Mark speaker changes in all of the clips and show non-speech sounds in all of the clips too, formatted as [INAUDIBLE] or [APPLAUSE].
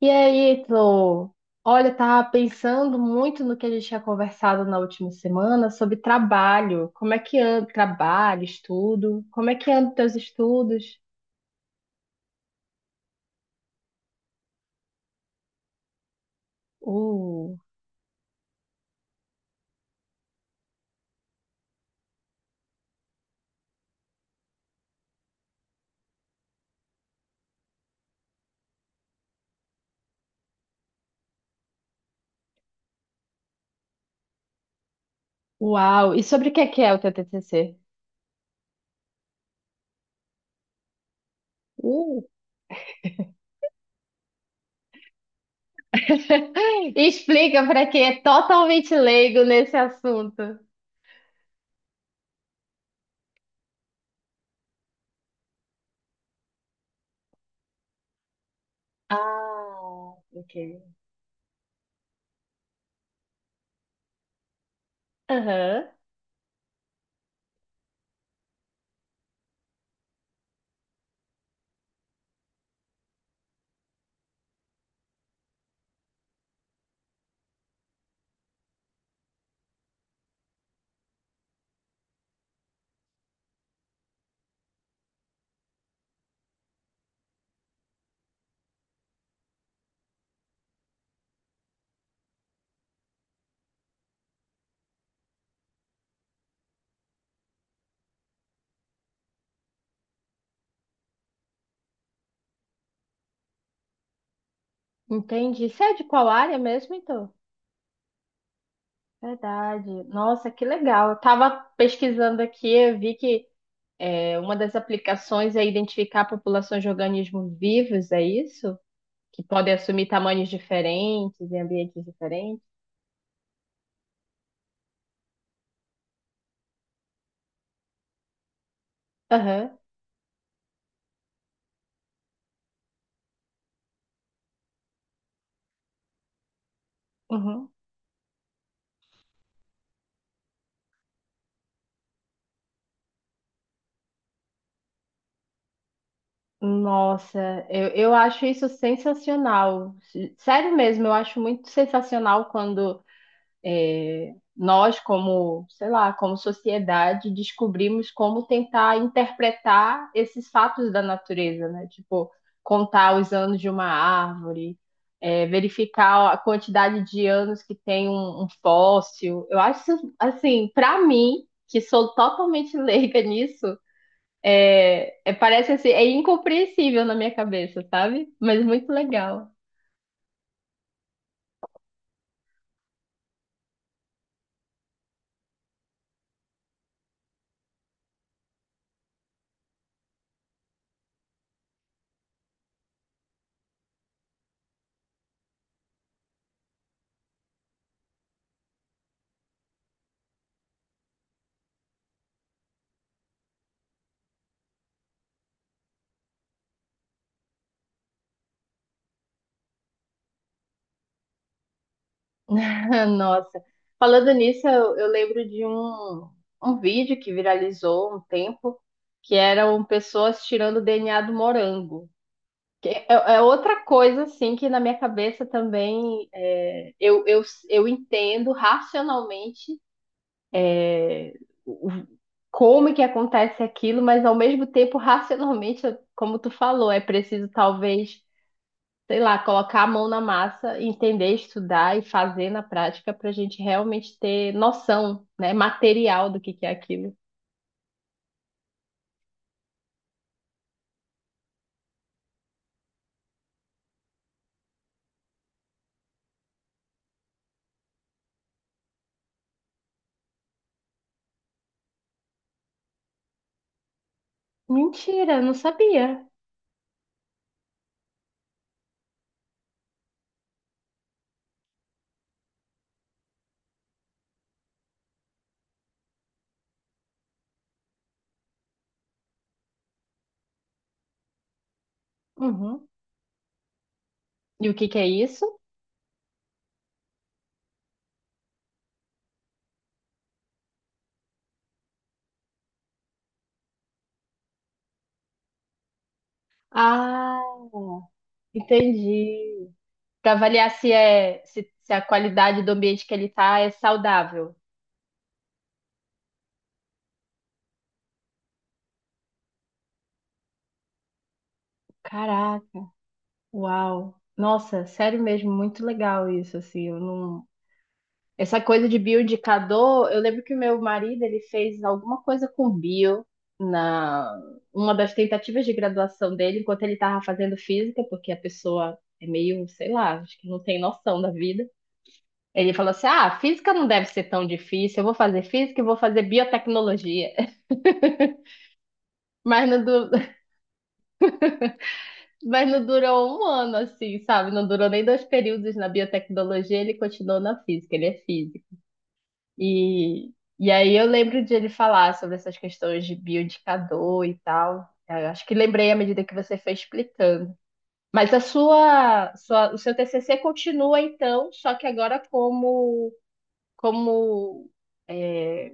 Speaker 1: E aí, Tô? Olha, eu tava pensando muito no que a gente tinha conversado na última semana sobre trabalho. Como é que anda trabalho, estudo? Como é que andam teus estudos? Uh, uau! E sobre o que é o teu TCC? Uh. [LAUGHS] Explica para quem é totalmente leigo nesse assunto. Ah, ok. Aham, entendi. Você é de qual área mesmo, então? Verdade. Nossa, que legal. Eu tava pesquisando aqui, eu vi que uma das aplicações é identificar populações de organismos vivos, é isso? Que podem assumir tamanhos diferentes em ambientes diferentes? Aham, uhum. Nossa, eu acho isso sensacional. Sério mesmo, eu acho muito sensacional quando é, nós, como, sei lá, como sociedade, descobrimos como tentar interpretar esses fatos da natureza, né? Tipo, contar os anos de uma árvore, é, verificar a quantidade de anos que tem um fóssil. Eu acho, assim, para mim, que sou totalmente [LAUGHS] leiga nisso, é, é, parece assim, é incompreensível na minha cabeça, sabe? Mas muito legal. [LAUGHS] Nossa, falando nisso, eu lembro de um vídeo que viralizou um tempo, que eram pessoas tirando o DNA do morango. Que é, é outra coisa, assim, que na minha cabeça também é, eu entendo racionalmente é, o- como que acontece aquilo, mas ao mesmo tempo, racionalmente, como tu falou, é preciso talvez sei lá, colocar a mão na massa, entender, estudar e fazer na prática para a gente realmente ter noção, né, material do que é aquilo. Mentira, eu não sabia. Uhum. E o que que é isso? Ah, entendi. Para avaliar se é se, se a qualidade do ambiente que ele tá é saudável. Caraca, uau. Nossa, sério mesmo, muito legal isso, assim, eu não. Essa coisa de bioindicador, eu lembro que o meu marido ele fez alguma coisa com bio na uma das tentativas de graduação dele, enquanto ele estava fazendo física, porque a pessoa é meio, sei lá, acho que não tem noção da vida. Ele falou assim: "Ah, física não deve ser tão difícil. Eu vou fazer física e vou fazer biotecnologia". [LAUGHS] Mas não, [LAUGHS] mas não durou um ano assim, sabe? Não durou nem dois períodos na biotecnologia, ele continuou na física, ele é físico. E, e aí eu lembro de ele falar sobre essas questões de bioindicador e tal. Eu acho que lembrei à medida que você foi explicando. Mas a o seu TCC continua então, só que agora como, como, é,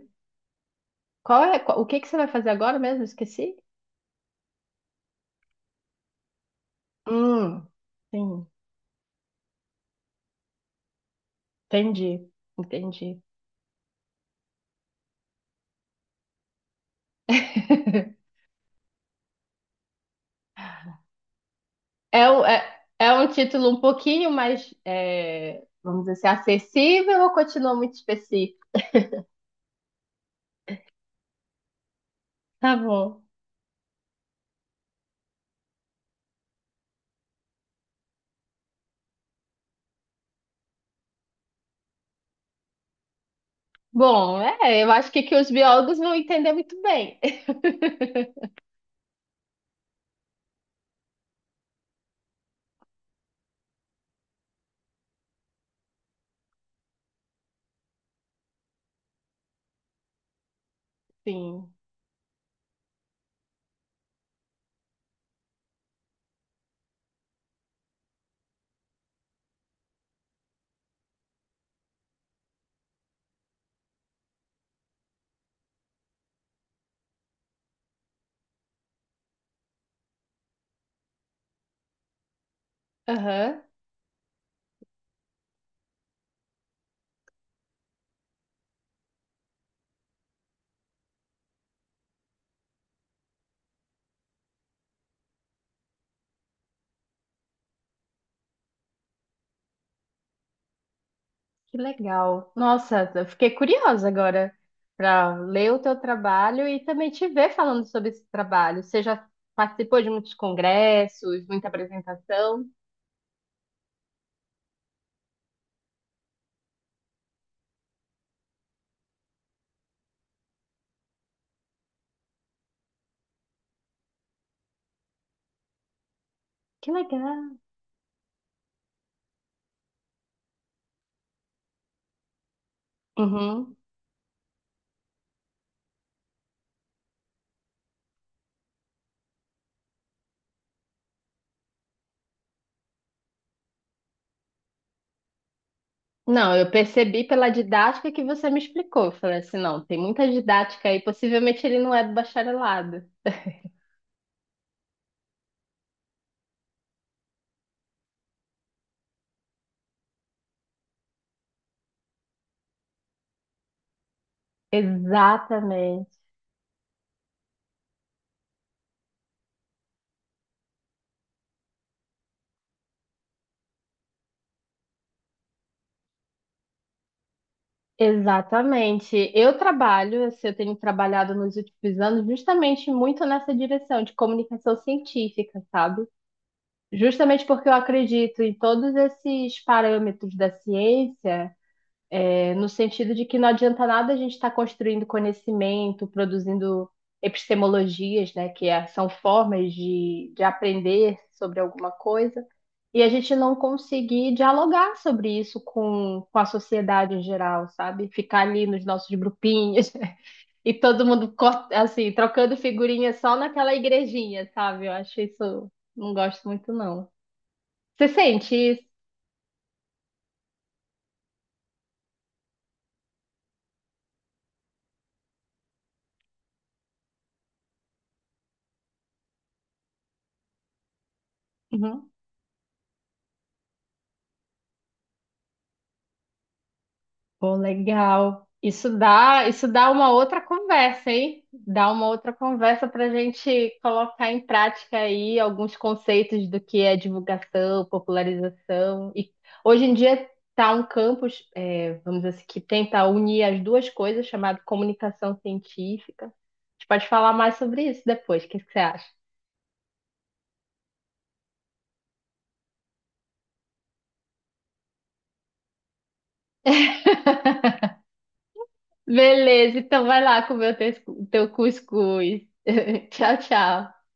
Speaker 1: qual é, o que que você vai fazer agora mesmo? Esqueci. Hum, sim, entendi, entendi. [LAUGHS] É, é, é um título um pouquinho mais, é, vamos dizer assim, acessível ou continua muito específico? Tá bom. Bom, é, eu acho que os biólogos vão entender muito bem. [LAUGHS] Sim. Aham. Que legal. Nossa, eu fiquei curiosa agora para ler o teu trabalho e também te ver falando sobre esse trabalho. Você já participou de muitos congressos, muita apresentação? Que legal. Uhum. Não, eu percebi pela didática que você me explicou. Eu falei assim, não, tem muita didática aí, possivelmente ele não é do bacharelado. Exatamente. Exatamente. Eu trabalho, assim, eu tenho trabalhado nos últimos anos justamente muito nessa direção de comunicação científica, sabe? Justamente porque eu acredito em todos esses parâmetros da ciência no sentido de que não adianta nada a gente estar construindo conhecimento, produzindo epistemologias, né, que são formas de aprender sobre alguma coisa, e a gente não conseguir dialogar sobre isso com a sociedade em geral, sabe? Ficar ali nos nossos grupinhos [LAUGHS] e todo mundo, assim, trocando figurinha só naquela igrejinha, sabe? Eu acho isso, não gosto muito, não. Você sente isso? Uhum. Pô, legal. Isso dá uma outra conversa, hein? Dá uma outra conversa para a gente colocar em prática aí alguns conceitos do que é divulgação, popularização. E hoje em dia está um campus, é, vamos dizer assim, que tenta unir as duas coisas, chamado comunicação científica. A gente pode falar mais sobre isso depois. O que que você acha? [LAUGHS] Beleza, então vai lá comer o teu cuscuz. [LAUGHS] Tchau, tchau.